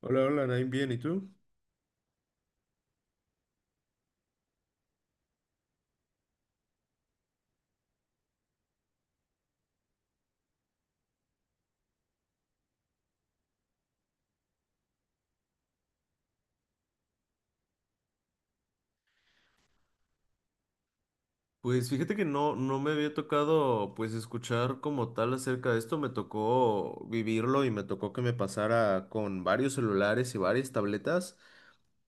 Hola, hola, Nain, bien, ¿y tú? Pues fíjate que no me había tocado pues escuchar como tal acerca de esto, me tocó vivirlo y me tocó que me pasara con varios celulares y varias tabletas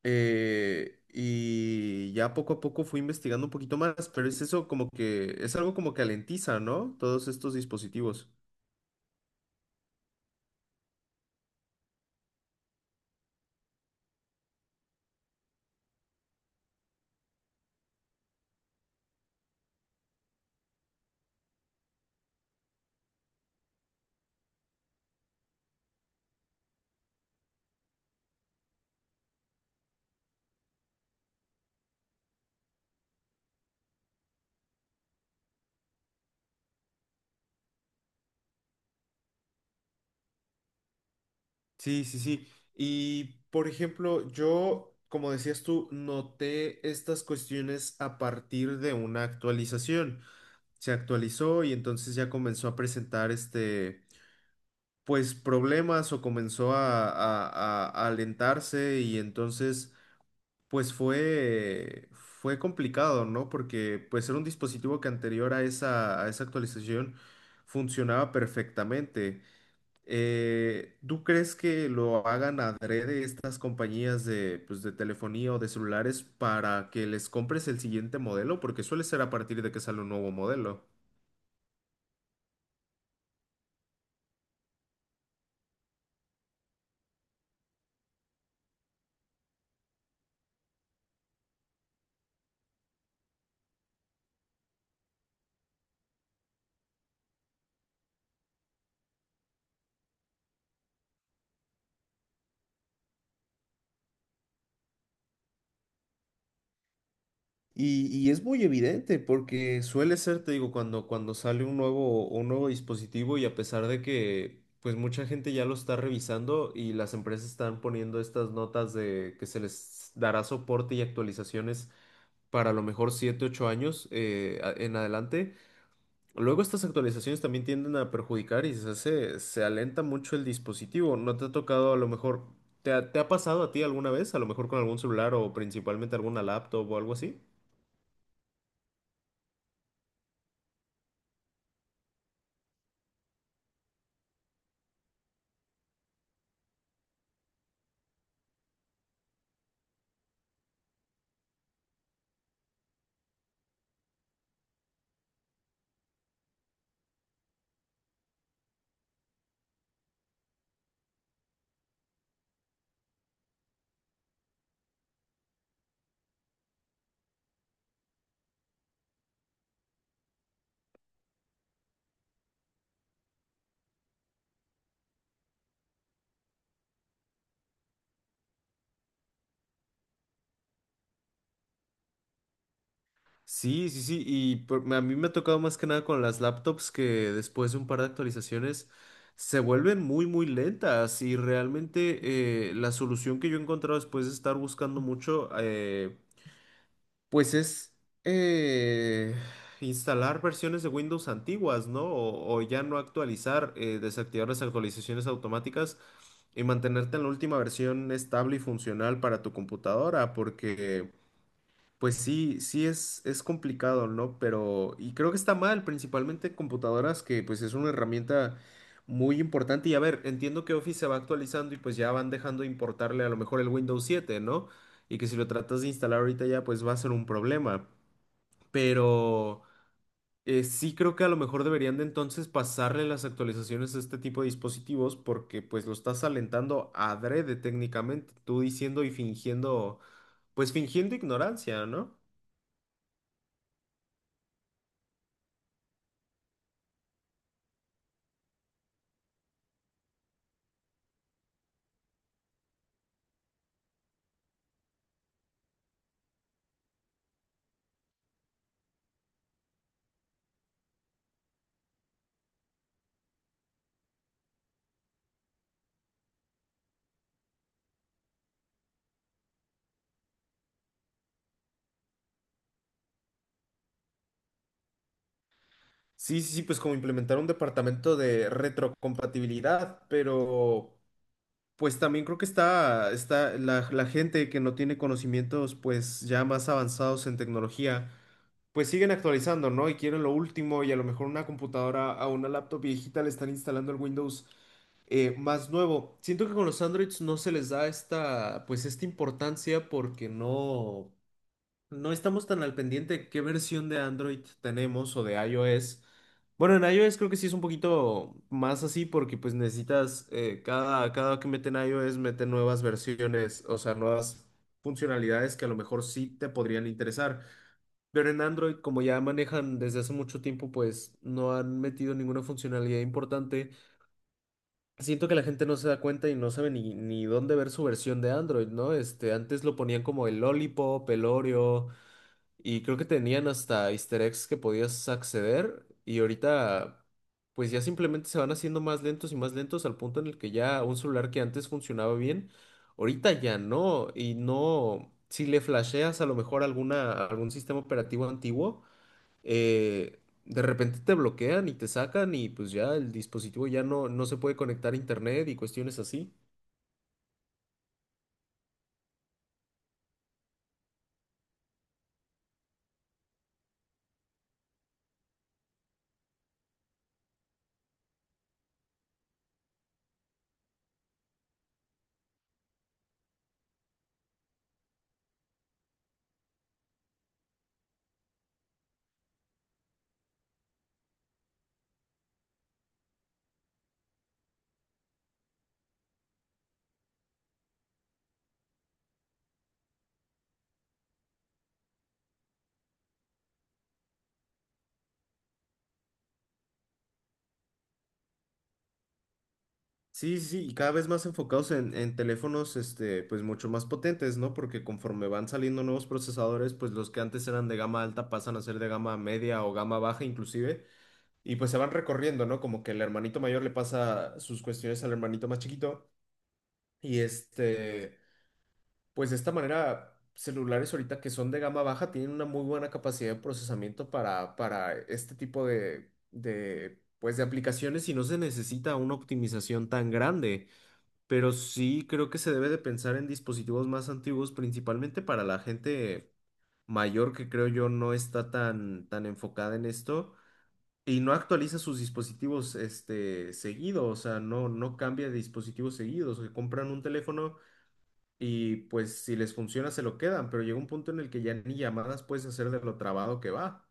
y ya poco a poco fui investigando un poquito más, pero es eso como que es algo como que alentiza, ¿no? Todos estos dispositivos. Sí, sí, sí. Y por ejemplo, yo, como decías tú, noté estas cuestiones a partir de una actualización. Se actualizó y entonces ya comenzó a presentar pues problemas o comenzó a alentarse y entonces pues fue complicado, ¿no? Porque pues era un dispositivo que anterior a esa actualización funcionaba perfectamente. ¿Tú crees que lo hagan adrede estas compañías de, pues, de telefonía o de celulares para que les compres el siguiente modelo? Porque suele ser a partir de que sale un nuevo modelo. Y es muy evidente porque suele ser, te digo, cuando sale un nuevo dispositivo y a pesar de que pues mucha gente ya lo está revisando y las empresas están poniendo estas notas de que se les dará soporte y actualizaciones para a lo mejor 7 u 8 años en adelante, luego estas actualizaciones también tienden a perjudicar y se alenta mucho el dispositivo. ¿No te ha tocado a lo mejor, te ha pasado a ti alguna vez, a lo mejor con algún celular o principalmente alguna laptop o algo así? Sí, sí, sí, a mí me ha tocado más que nada con las laptops que después de un par de actualizaciones se vuelven muy lentas y realmente la solución que yo he encontrado después de estar buscando mucho, pues es eh, instalar versiones de Windows antiguas, ¿no? O ya no actualizar, desactivar las actualizaciones automáticas y mantenerte en la última versión estable y funcional para tu computadora, porque... Pues sí, sí es complicado, ¿no? Pero, y creo que está mal, principalmente computadoras, que pues es una herramienta muy importante. Y a ver, entiendo que Office se va actualizando y pues ya van dejando de importarle a lo mejor el Windows siete, ¿no? Y que si lo tratas de instalar ahorita ya pues va a ser un problema. Pero sí creo que a lo mejor deberían de entonces pasarle las actualizaciones a este tipo de dispositivos porque pues lo estás alentando adrede técnicamente, tú diciendo y fingiendo, pues fingiendo ignorancia, ¿no? Sí, sí, sí, pues como implementar un departamento de retrocompatibilidad, pero pues también creo que está la gente que no tiene conocimientos pues ya más avanzados en tecnología, pues siguen actualizando, ¿no? Y quieren lo último y a lo mejor una computadora a una laptop viejita le están instalando el Windows más nuevo. Siento que con los Androids no se les da esta, pues esta importancia porque no no estamos tan al pendiente de qué versión de Android tenemos o de iOS. Bueno, en iOS creo que sí es un poquito más así porque pues necesitas, cada que meten iOS meten nuevas versiones, o sea, nuevas funcionalidades que a lo mejor sí te podrían interesar. Pero en Android, como ya manejan desde hace mucho tiempo, pues no han metido ninguna funcionalidad importante. Siento que la gente no se da cuenta y no sabe ni dónde ver su versión de Android, ¿no? Este, antes lo ponían como el Lollipop, el Oreo. Y creo que tenían hasta easter eggs que podías acceder. Y ahorita, pues ya simplemente se van haciendo más lentos y más lentos al punto en el que ya un celular que antes funcionaba bien, ahorita ya no. Y no, si le flasheas a lo mejor algún sistema operativo antiguo, de repente te bloquean y te sacan y pues ya el dispositivo ya no se puede conectar a internet y cuestiones así. Sí, sí, sí, y cada vez más enfocados en teléfonos, este, pues mucho más potentes, ¿no? Porque conforme van saliendo nuevos procesadores, pues los que antes eran de gama alta pasan a ser de gama media o gama baja inclusive, y pues se van recorriendo, ¿no? Como que el hermanito mayor le pasa sus cuestiones al hermanito más chiquito, y este, pues de esta manera, celulares ahorita que son de gama baja tienen una muy buena capacidad de procesamiento para este tipo pues de aplicaciones y no se necesita una optimización tan grande. Pero sí creo que se debe de pensar en dispositivos más antiguos, principalmente para la gente mayor que creo yo no está tan enfocada en esto y no actualiza sus dispositivos este, seguido, o sea, no cambia de dispositivos seguidos, que compran un teléfono y pues si les funciona se lo quedan, pero llega un punto en el que ya ni llamadas puedes hacer de lo trabado que va.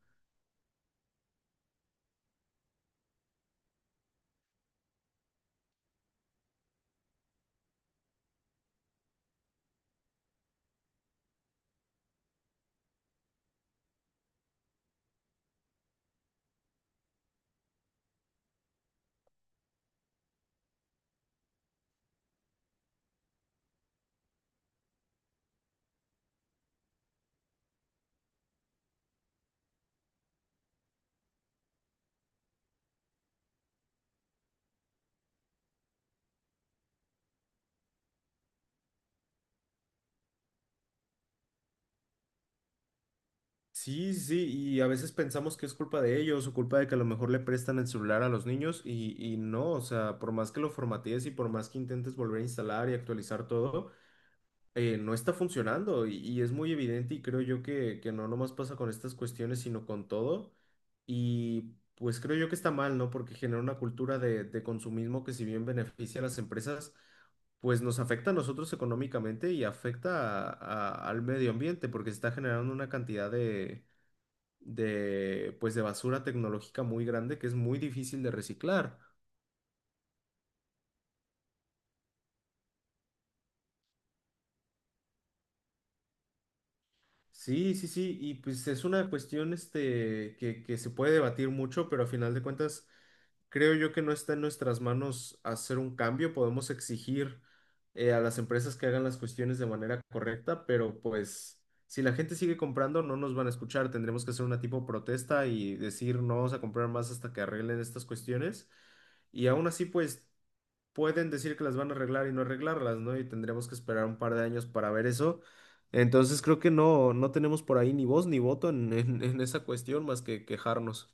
Sí, sí, y a veces pensamos que es culpa de ellos o culpa de que a lo mejor le prestan el celular a los niños y no, o sea, por más que lo formatees y por más que intentes volver a instalar y actualizar todo, no está funcionando y es muy evidente y creo yo que no nomás pasa con estas cuestiones, sino con todo y pues creo yo que está mal, ¿no? Porque genera una cultura de consumismo que si bien beneficia a las empresas, pues nos afecta a nosotros económicamente y afecta al medio ambiente porque está generando una cantidad de pues de basura tecnológica muy grande que es muy difícil de reciclar. Sí, sí, sí, y pues es una cuestión este, que se puede debatir mucho, pero a final de cuentas creo yo que no está en nuestras manos hacer un cambio. Podemos exigir a las empresas que hagan las cuestiones de manera correcta, pero pues si la gente sigue comprando no nos van a escuchar. Tendremos que hacer una tipo protesta y decir no vamos a comprar más hasta que arreglen estas cuestiones. Y aún así pues pueden decir que las van a arreglar y no arreglarlas, ¿no? Y tendremos que esperar un par de años para ver eso. Entonces creo que no, no tenemos por ahí ni voz ni voto en, en esa cuestión más que quejarnos.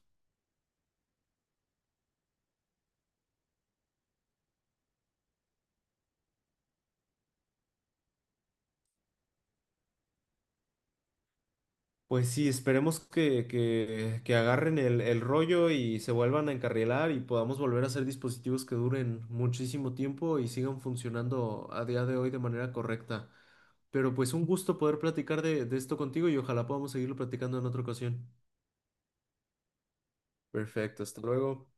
Pues sí, esperemos que, que agarren el rollo y se vuelvan a encarrilar y podamos volver a hacer dispositivos que duren muchísimo tiempo y sigan funcionando a día de hoy de manera correcta. Pero pues un gusto poder platicar de esto contigo y ojalá podamos seguirlo platicando en otra ocasión. Perfecto, hasta luego.